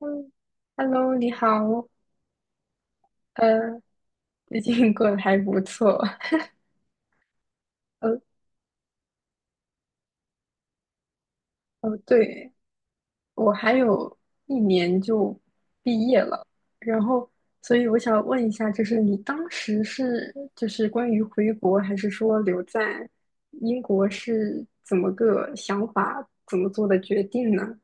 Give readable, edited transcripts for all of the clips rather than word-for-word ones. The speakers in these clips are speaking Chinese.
嗯，Hello,你好。呃，最近过得还不错。呃，哦，对，我还有一年就毕业了，然后，所以我想问一下，就是你当时是就是关于回国，还是说留在英国是怎么个想法，怎么做的决定呢？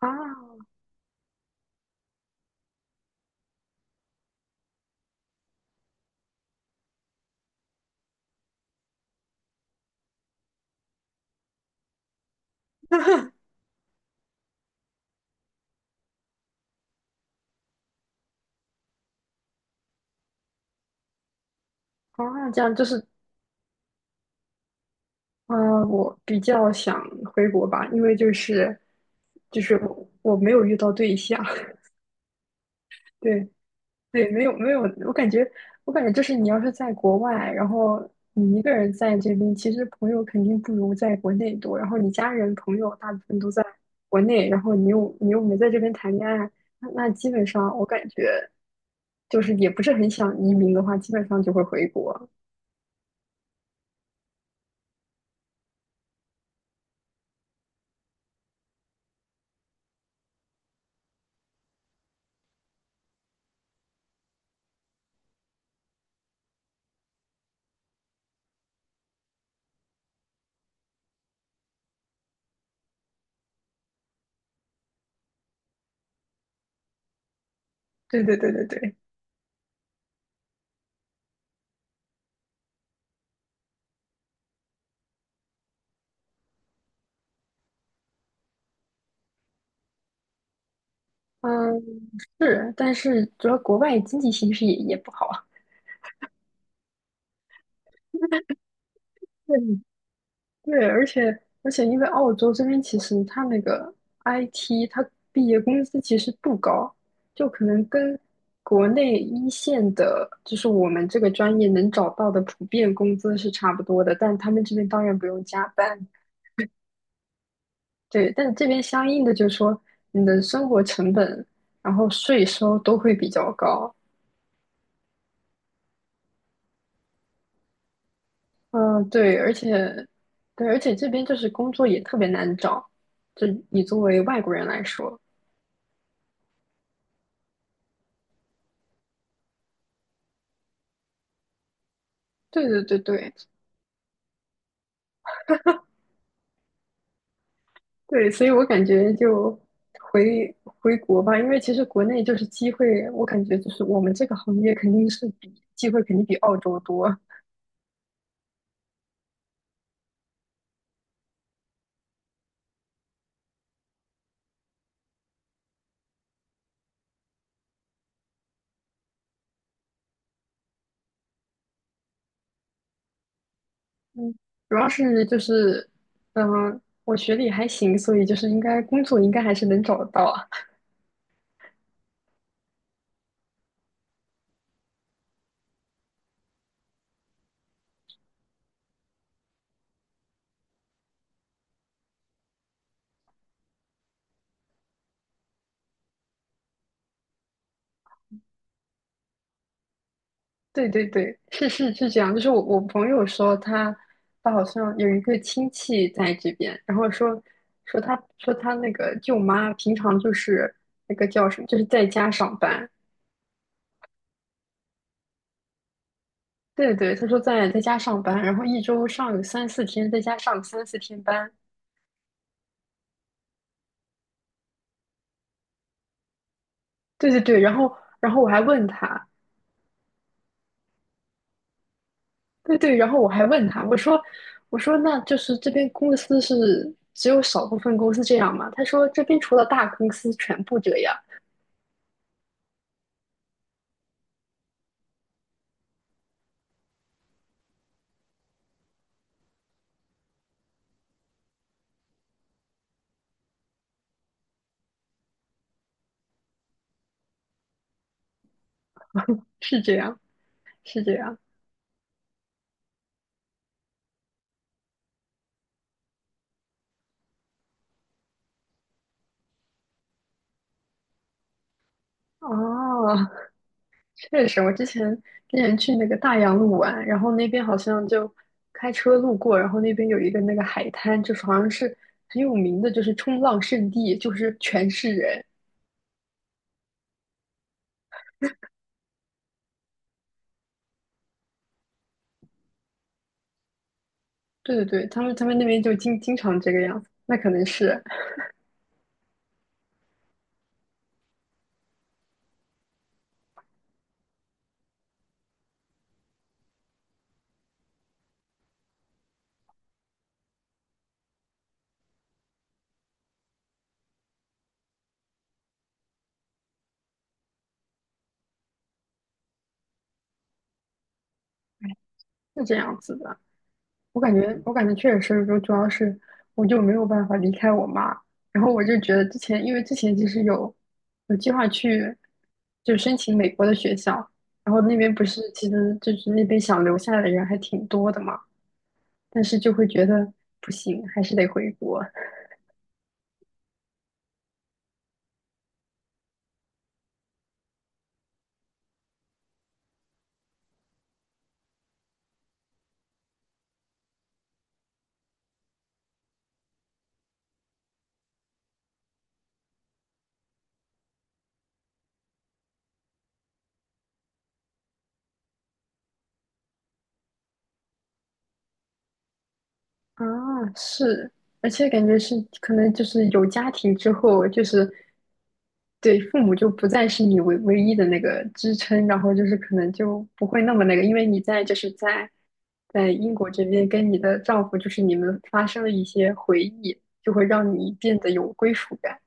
啊这样就是，呃，我比较想回国吧，因为就是我没有遇到对象，对。对，没有没有，我感觉我感觉就是你要是在国外，然后你一个人在这边，其实朋友肯定不如在国内多。然后你家人朋友大部分都在国内，然后你又没在这边谈恋爱，那基本上我感觉就是也不是很想移民的话，基本上就会回国。对对对对对，嗯，是，但是主要国外经济形势也也不好。对对，而且因为澳洲这边其实它那个 IT,它毕业工资其实不高，就可能跟国内一线的，就是我们这个专业能找到的普遍工资是差不多的，但他们这边当然不用加班，对，但这边相应的就是说你的生活成本，然后税收都会比较高，嗯，对，而且这边就是工作也特别难找，就你作为外国人来说。对对对对，对，所以我感觉就回回国吧，因为其实国内就是机会，我感觉就是我们这个行业肯定比澳洲多。嗯，主要是就是，嗯、我学历还行，所以就是应该工作应该还是能找得到啊。对对对，是是是这样。就是我朋友说他好像有一个亲戚在这边，然后说说他那个舅妈平常就是那个叫什么，就是在家上班。对对，他说在家上班，然后一周上个三四天，在家上个三四天班。对对对，然后然后我还问他，对对，然后我还问他，我说那就是这边公司是只有少部分公司这样吗？他说这边除了大公司全部这样，是这样，是这样。哦，确实，我之前去那个大洋路玩，然后那边好像就开车路过，然后那边有一个那个海滩，就是好像是很有名的，就是冲浪圣地，就是全是人。对对对，他们那边就经常这个样子，那可能是是这样子的。我感觉确实是，就主要是我就没有办法离开我妈。然后我就觉得之前，因为之前其实有计划去，就申请美国的学校，然后那边不是其实就是那边想留下来的人还挺多的嘛，但是就会觉得不行，还是得回国。啊，是，而且感觉是可能就是有家庭之后，就是对父母就不再是你唯一的那个支撑，然后就是可能就不会那么那个，因为你在就是在英国这边跟你的丈夫，就是你们发生了一些回忆，就会让你变得有归属感。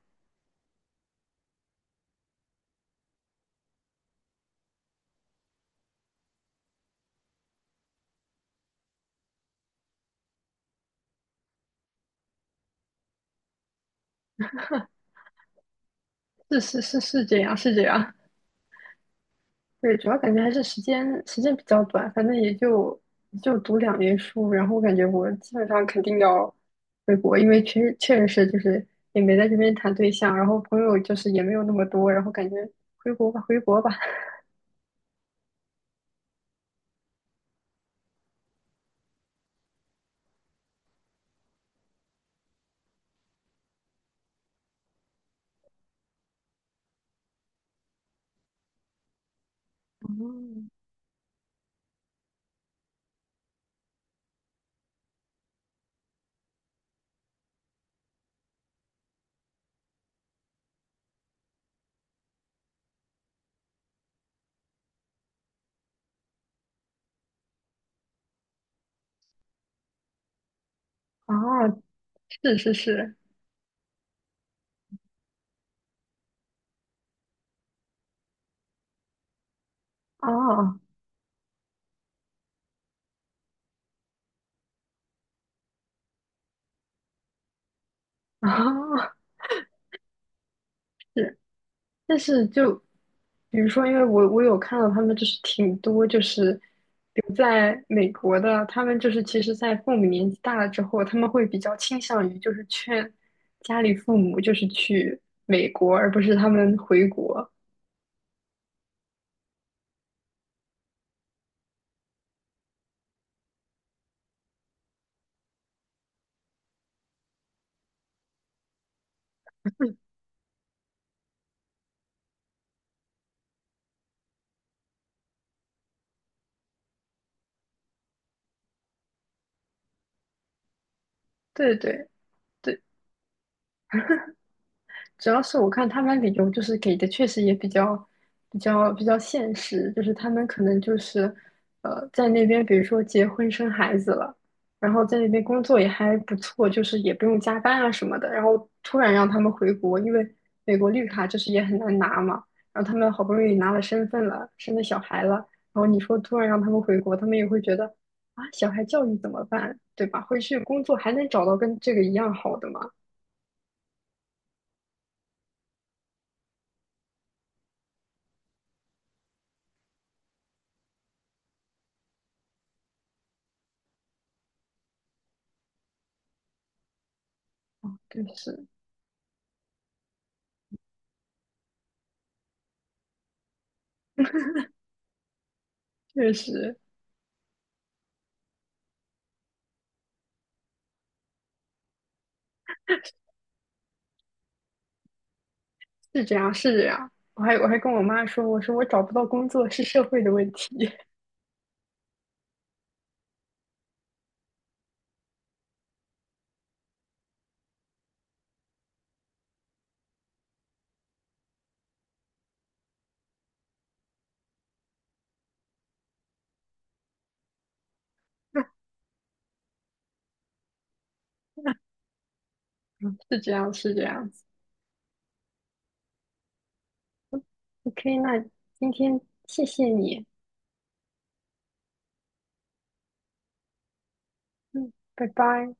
是是是是这样，是这样。对，主要感觉还是时间比较短，反正也就读两年书，然后我感觉我基本上肯定要回国，因为确实是就是也没在这边谈对象，然后朋友就是也没有那么多，然后感觉回国吧，回国吧。哦，哦，是是是，哦哦，是但是就比如说，因为我有看到他们就是挺多就是留在美国的，他们就是其实，在父母年纪大了之后，他们会比较倾向于就是劝家里父母就是去美国，而不是他们回国。对对主要是我看他们理由就是给的确实也比较现实，就是他们可能就是呃在那边，比如说结婚生孩子了，然后在那边工作也还不错，就是也不用加班啊什么的，然后突然让他们回国，因为美国绿卡就是也很难拿嘛，然后他们好不容易拿了身份了，生了小孩了，然后你说突然让他们回国，他们也会觉得啊小孩教育怎么办，对吧？回去工作还能找到跟这个一样好的吗？就是确实。是这样，是这样。我还跟我妈说，我说我找不到工作是社会的问题，是这样，是这样子。OK,那今天谢谢你，嗯，拜拜。